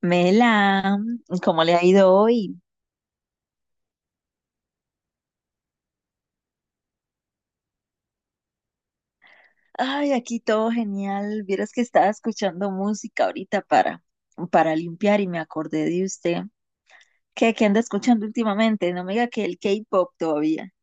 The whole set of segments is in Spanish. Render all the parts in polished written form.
Mela, ¿cómo le ha ido hoy? Ay, aquí todo genial. Vieras que estaba escuchando música ahorita para limpiar y me acordé de usted. ¿Qué anda escuchando últimamente? No me diga que el K-pop todavía.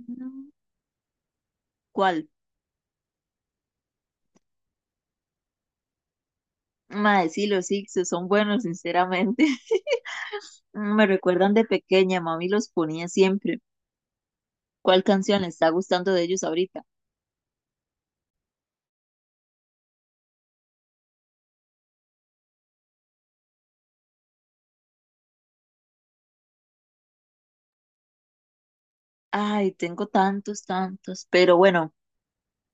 Mm, ¿cuál? Mae, sí, los X son buenos, sinceramente. Mm, me recuerdan de pequeña, mami los ponía siempre. ¿Cuál canción le está gustando de ellos ahorita? Ay, tengo tantos, tantos, pero bueno.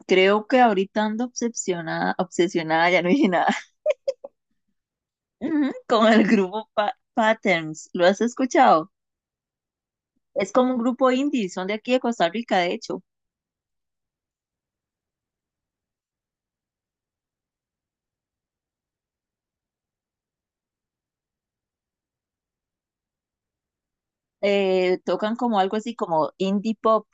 Creo que ahorita ando obsesionada, obsesionada, ya no dije nada, ujú, con el grupo Patterns. ¿Lo has escuchado? Es como un grupo indie, son de aquí de Costa Rica, de hecho. Tocan como algo así como indie pop,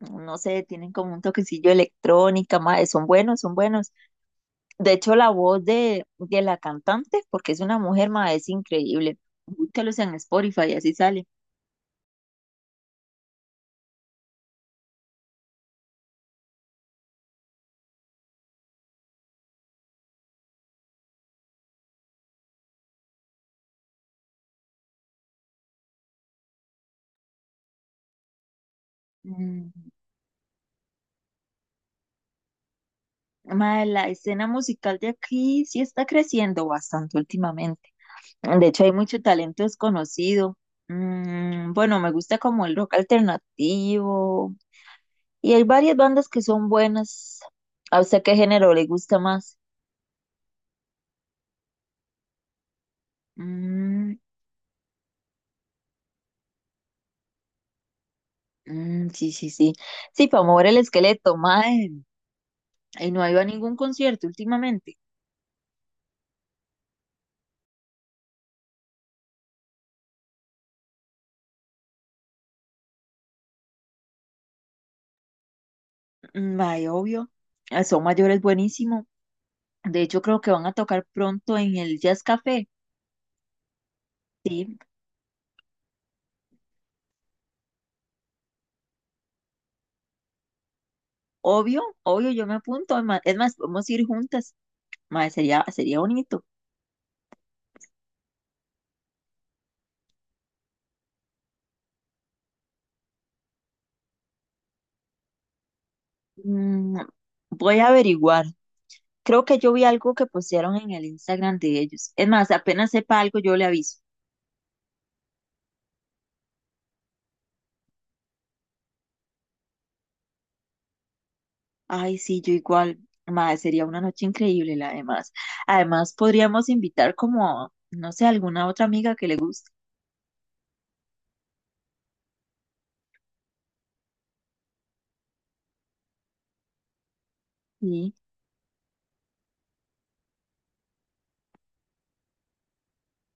no sé, tienen como un toquecillo de electrónica, mae, son buenos, son buenos. De hecho, la voz de la cantante, porque es una mujer, mae, es increíble. Búscalos en Spotify, así sale. Mm, mae, la escena musical de aquí sí está creciendo bastante últimamente. De hecho, hay mucho talento desconocido. Mm, bueno, me gusta como el rock alternativo. Y hay varias bandas que son buenas. ¿A usted qué género le gusta más? Mm, mm, sí, sí, sí. Sí, para mover el esqueleto, mae. Y no ha ido a ningún concierto últimamente. Mm, mae, obvio. Ah, Son mayores buenísimo. De hecho, creo que van a tocar pronto en el Jazz Café. Sí, obvio, obvio, yo me apunto. Es más, podemos ir juntas. Mae, sería, sería bonito. Mm, Voy a averiguar. Creo que yo vi algo que postearon en el Instagram de ellos. Es más, apenas sepa algo, yo le aviso. Ay, sí, yo igual. Madre, sería una noche increíble, la además. Además, podríamos invitar como, no sé, alguna otra amiga que le guste. Sí.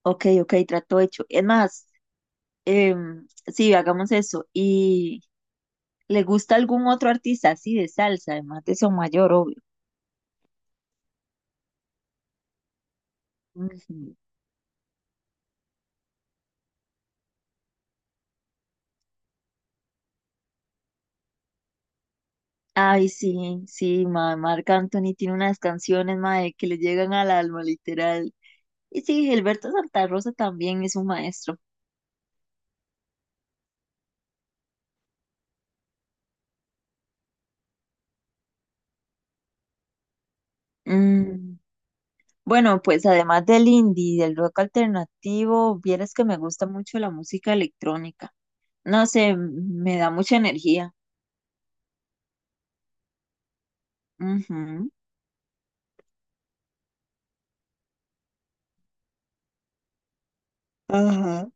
Ok, ok, trato hecho. Es más, sí, hagamos eso. ¿Y le gusta algún otro artista así de salsa, además de Mayor, obvio? Ujú. Ay, sí, sí, ma, Marc Anthony tiene unas canciones, mae, que le llegan al alma, literal. Y sí, Gilberto Santa Rosa también es un maestro. Mm, bueno, pues además del indie y del rock alternativo, vieras que me gusta mucho la música electrónica. No sé, me da mucha energía. Ujú, ajá.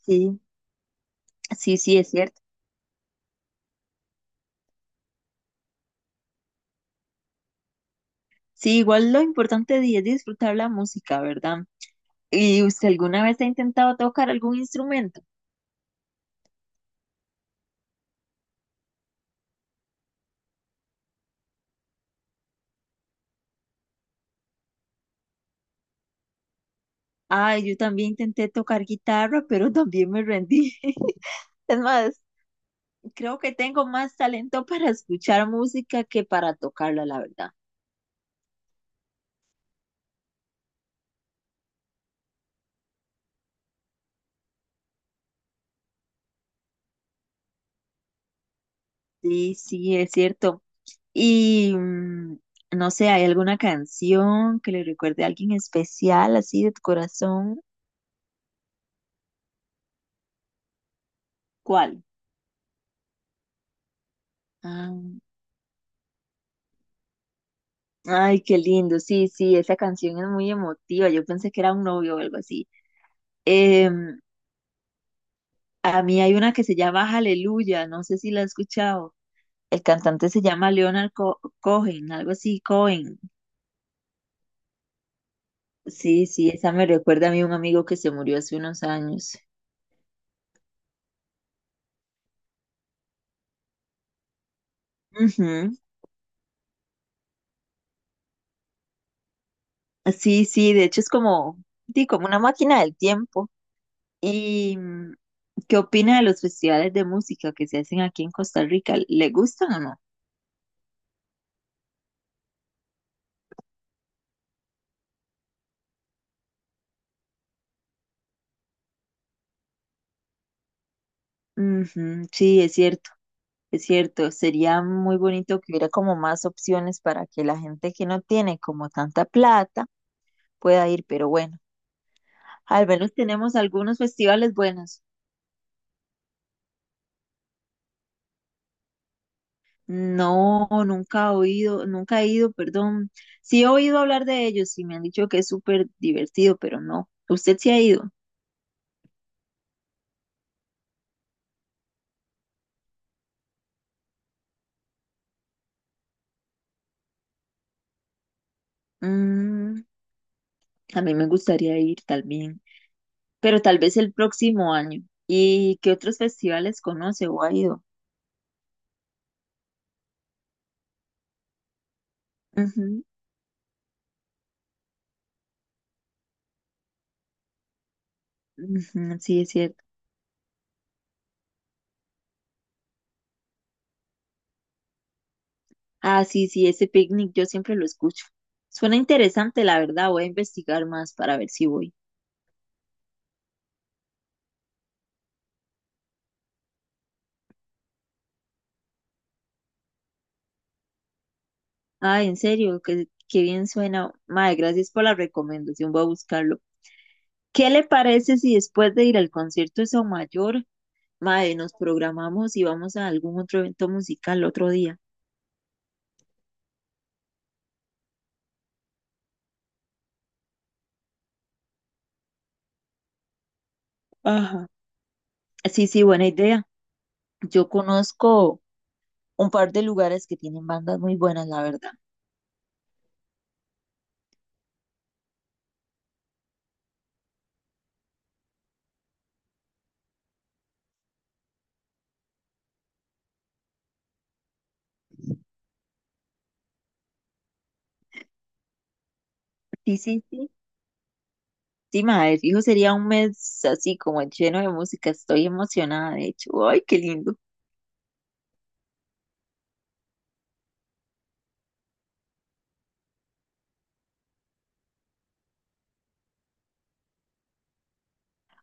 Sí, sí, sí, es cierto. Sí, igual lo importante es disfrutar la música, ¿verdad? ¿Y usted alguna vez ha intentado tocar algún instrumento? Ay, yo también intenté tocar guitarra, pero también me rendí. Es más, creo que tengo más talento para escuchar música que para tocarla, la verdad. Sí, sí, es cierto. Y mm, no sé, ¿hay alguna canción que le recuerde a alguien especial, así de tu corazón? ¿Cuál? Ah, ay, qué lindo. Sí, sí, esa canción es muy emotiva. Yo pensé que era un novio o algo así. Em, a mí hay una que se llama Aleluya, no sé si la has escuchado. El cantante se llama Leonard Cohen, algo así, Cohen. Sí, sí, esa me recuerda a mí un amigo que se murió hace unos años. Ujú. Sí, sí, de hecho es como, sí, como una máquina del tiempo. ¿Y mm, ¿Qué opina de los festivales de música que se hacen aquí en Costa Rica? ¿Le gustan o no? Ujú, sí, es cierto, es cierto. Sería muy bonito que hubiera como más opciones para que la gente que no tiene como tanta plata pueda ir, pero bueno. Al menos tenemos algunos festivales buenos. No, nunca he oído, nunca he ido, perdón. Sí he oído hablar de ellos y me han dicho que es súper divertido, pero no. ¿Usted sí ha ido? Mm, a mí me gustaría ir también, pero tal vez el próximo año. ¿Y qué otros festivales conoce o ha ido? Ujú, ujú, sí, es cierto. Ah, sí, sí, ese picnic yo siempre lo escucho. Suena interesante, la verdad. Voy a investigar más para ver si voy. Ah, en serio, qué bien suena. Mae, gracias por la recomendación, voy a buscarlo. ¿Qué le parece si después de ir al concierto de Mayor, mae, nos programamos y vamos a algún otro evento musical otro día? Ajá. Sí, sí, buena idea. Yo conozco un par de lugares que tienen bandas muy buenas, la verdad. Sí, sí, sí. Sí, madre, fijo, sería un mes así como lleno de música. Estoy emocionada, de hecho. Ay, qué lindo.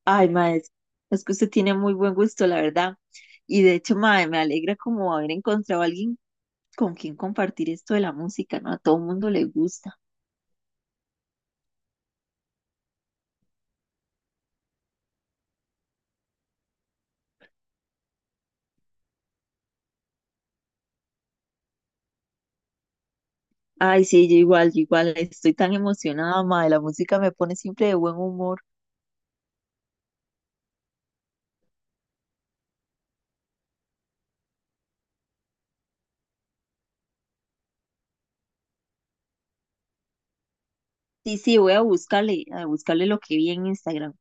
Ay, madre, es que usted tiene muy buen gusto, la verdad. Y de hecho, madre, me alegra como haber encontrado a alguien con quien compartir esto de la música, ¿no? A todo el mundo le gusta. Ay, sí, yo igual, yo igual. Estoy tan emocionada, madre. La música me pone siempre de buen humor. Sí, sí, voy a buscarle lo que vi en Instagram.